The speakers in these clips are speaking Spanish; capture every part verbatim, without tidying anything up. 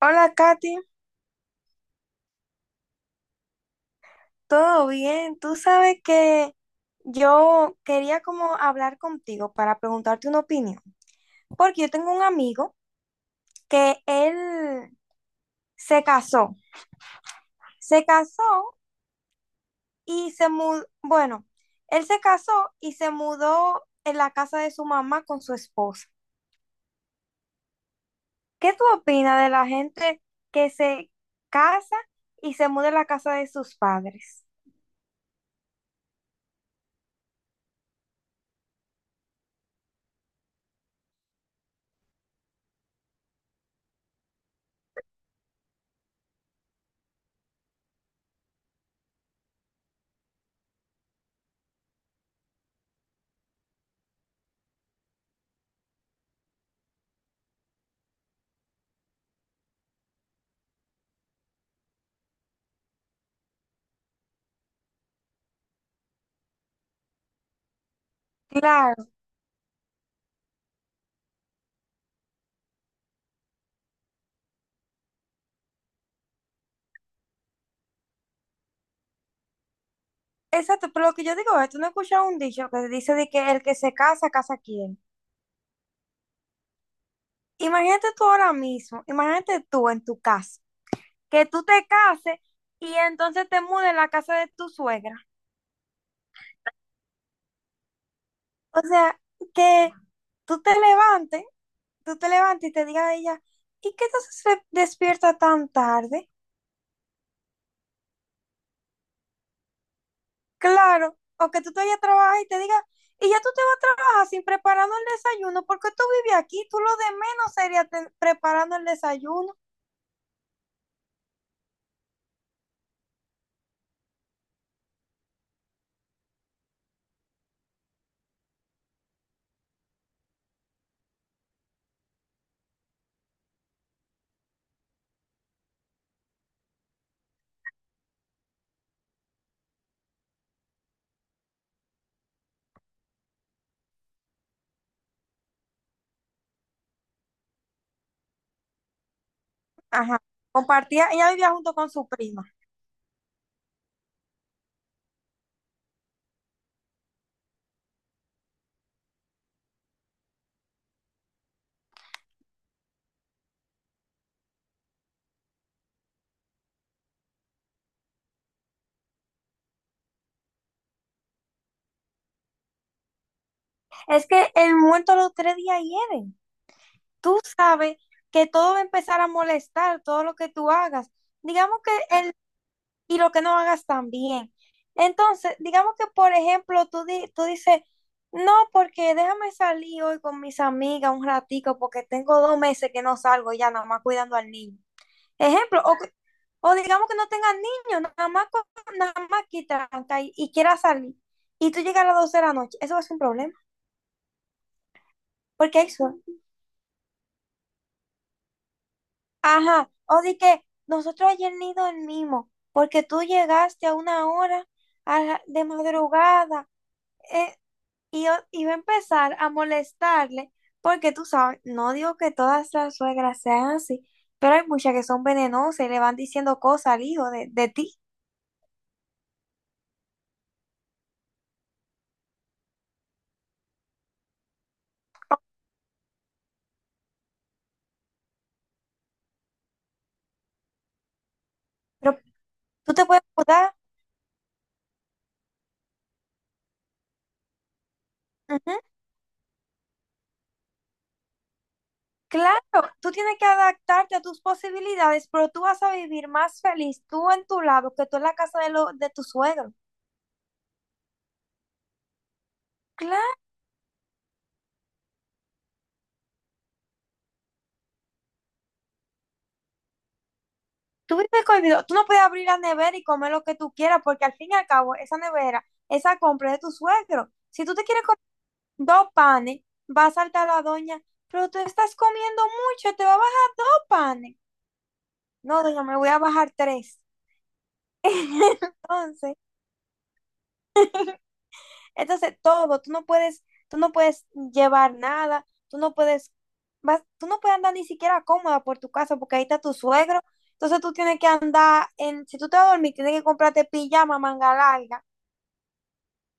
Hola Katy, ¿todo bien? Tú sabes que yo quería como hablar contigo para preguntarte una opinión, porque yo tengo un amigo que él se casó, se casó y se mudó, bueno, él se casó y se mudó en la casa de su mamá con su esposa. ¿Qué tú opinas de la gente que se casa y se muda en la casa de sus padres? Claro. Exacto, pero lo que yo digo es, tú no escuchas un dicho que dice de que el que se casa, casa quién. Imagínate tú ahora mismo, imagínate tú en tu casa, que tú te cases y entonces te mudes en la casa de tu suegra. O sea, que tú te levantes, tú te levantes y te digas a ella, ¿y qué te haces fe- despierta tan tarde? Claro, o que tú te vayas a trabajar y te digas, y ya tú te vas a trabajar sin preparando el desayuno, porque tú vives aquí, tú lo de menos sería ten- preparando el desayuno. Ajá. Compartía, ella vivía junto con su prima. Es que el muerto los tres días hieren. Tú sabes que todo va a empezar a molestar, todo lo que tú hagas. Digamos que el, y lo que no hagas también. Entonces, digamos que, por ejemplo, tú, di- tú dices, no, porque déjame salir hoy con mis amigas un ratico, porque tengo dos meses que no salgo ya nada más cuidando al niño. Ejemplo, o, que- o digamos que no tengan niños, nada más, co- nada más quitan y, y quiera salir. Y tú llegas a las doce de la noche, eso va a ser un problema, porque hay sol. Ajá, o de que nosotros ayer ni dormimos, porque tú llegaste a una hora a la- de madrugada eh, y, o- y va a empezar a molestarle, porque tú sabes, no digo que todas las suegras sean así, pero hay muchas que son venenosas y le van diciendo cosas al hijo de, de ti. Pero tú te puedes mudar. Ujú. Claro, tú tienes que adaptarte a tus posibilidades, pero tú vas a vivir más feliz tú en tu lado que tú en la casa de, lo, de tu suegro. Claro, tú vives cohibido. Tú no puedes abrir la nevera y comer lo que tú quieras, porque al fin y al cabo, esa nevera, esa compra es de tu suegro. Si tú te quieres comer dos panes, va a saltar la doña, pero tú estás comiendo mucho, te va a bajar dos panes. No, doña, me voy a bajar tres. Entonces. Entonces, todo, tú no puedes, tú no puedes llevar nada, tú no puedes, vas- tú no puedes andar ni siquiera cómoda por tu casa porque ahí está tu suegro. Entonces tú tienes que andar en, si tú te vas a dormir, tienes que comprarte pijama, manga larga.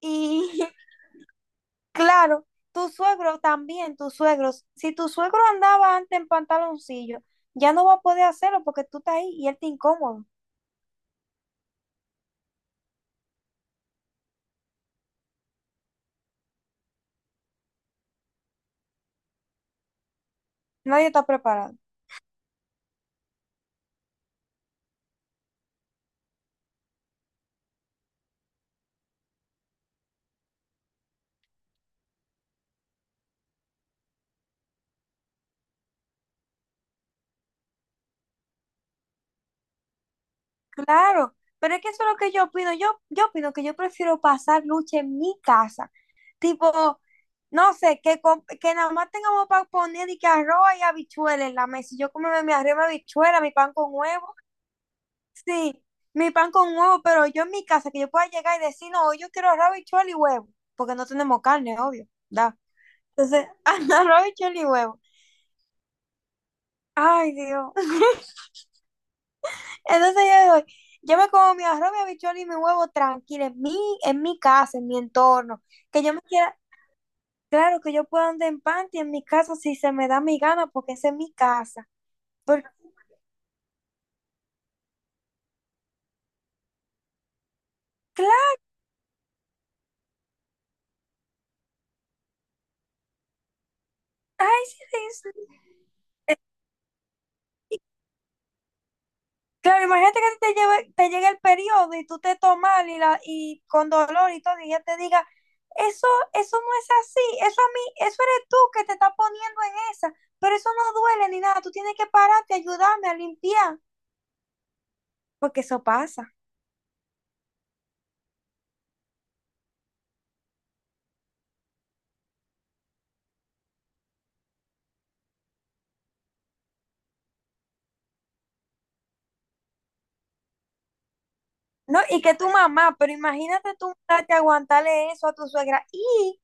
Y claro, tu suegro también, tus suegros, si tu suegro andaba antes en pantaloncillo, ya no va a poder hacerlo porque tú estás ahí y él te incómodo. Nadie está preparado. Claro, pero es que eso es lo que yo opino. Yo, yo opino que yo prefiero pasar lucha en mi casa. Tipo, no sé, que, com- que nada más tengamos para poner y que arroz y habichuelas en la mesa. Y yo como mi arroz, y mi habichuela, mi pan con huevo. Sí, mi pan con huevo, pero yo en mi casa, que yo pueda llegar y decir, no, hoy yo quiero arroz, habichuela y huevo. Porque no tenemos carne, obvio, da. Entonces, arroz, habichuela y huevo. Ay, Dios. Entonces yo digo, yo me como mi arroz, mi habichuela y mi huevo tranquilo en mi, en mi casa, en mi entorno. Que yo me quiera, claro que yo pueda andar en panty en mi casa si se me da mi gana, porque esa es mi casa. Porque, claro, ay, sí, sí, sí. Eh, claro, imagínate que a ti te lleve- te llegue el periodo y tú te tomas y, la, y con dolor y todo, y ella te diga, eso, eso no es así, eso a mí, eso eres tú que te estás poniendo en esa, pero eso no duele ni nada, tú tienes que pararte, ayudarme a limpiar, porque eso pasa. No, y que tu mamá, pero imagínate tú mudarte a aguantarle eso a tu suegra. Y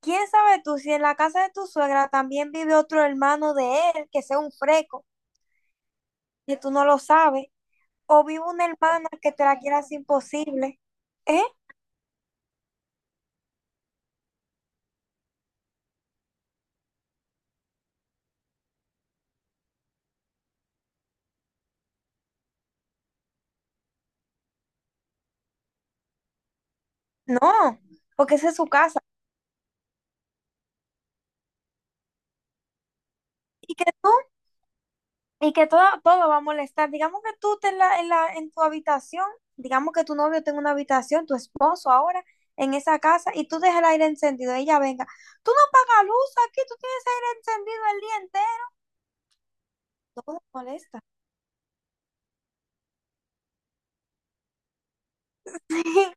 quién sabe tú si en la casa de tu suegra también vive otro hermano de él que sea un freco, que tú no lo sabes, o vive una hermana que te la quieras imposible. ¿Eh? No, porque esa es su casa. Y que tú y que todo, todo va a molestar. Digamos que tú te en la, en la, en tu habitación, digamos que tu novio tenga una habitación, tu esposo ahora, en esa casa, y tú dejas el aire encendido, ella venga. Tú no pagas luz aquí, tú tienes aire encendido el día entero. Todo molesta.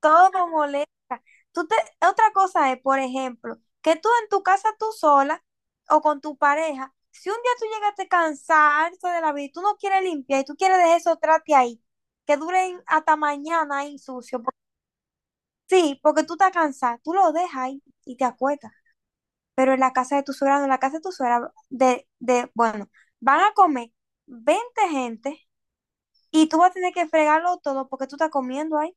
Todo molesta. Tú te, otra cosa es, por ejemplo, que tú en tu casa tú sola o con tu pareja, si un día tú llegaste cansarte de la vida y tú no quieres limpiar y tú quieres dejar esos trate ahí, que duren hasta mañana ahí sucio. Sí, porque tú te cansas, tú lo dejas ahí y te acuestas. Pero en la casa de tu suegra, no, en la casa de tu suegra, de, de, bueno, van a comer veinte gente y tú vas a tener que fregarlo todo porque tú estás comiendo ahí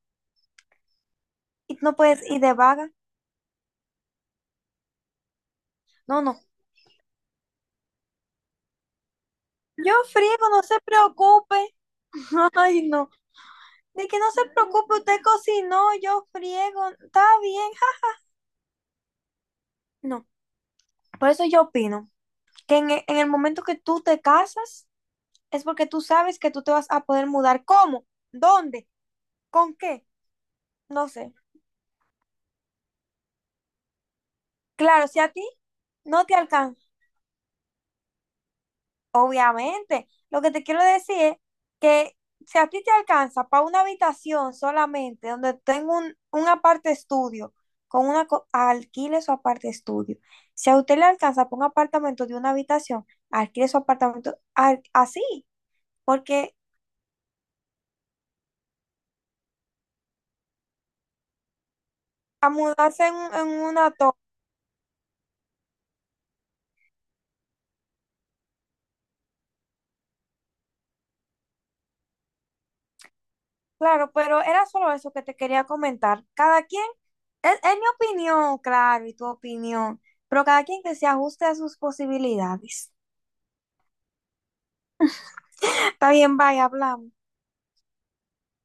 y tú no puedes ir de vaga. No, no. Yo friego, no se preocupe. Ay, no. De que no se preocupe, usted cocinó, yo friego, está bien. Ja. No. Por eso yo opino que en e- en el momento que tú te casas, es porque tú sabes que tú te vas a poder mudar. ¿Cómo? ¿Dónde? ¿Con qué? No sé. Claro, si a ti no te alcanza, obviamente. Lo que te quiero decir es que si a ti te alcanza para una habitación solamente, donde tengo un, un aparte estudio, con una co- alquile su aparte estudio. Si a usted le alcanza para un apartamento de una habitación, alquile su apartamento al- así, porque a mudarse en, un- en una torre. Claro, pero era solo eso que te quería comentar. Cada quien, es, es mi opinión, claro, y tu opinión, pero cada quien que se ajuste a sus posibilidades. Está bien, bye, hablamos.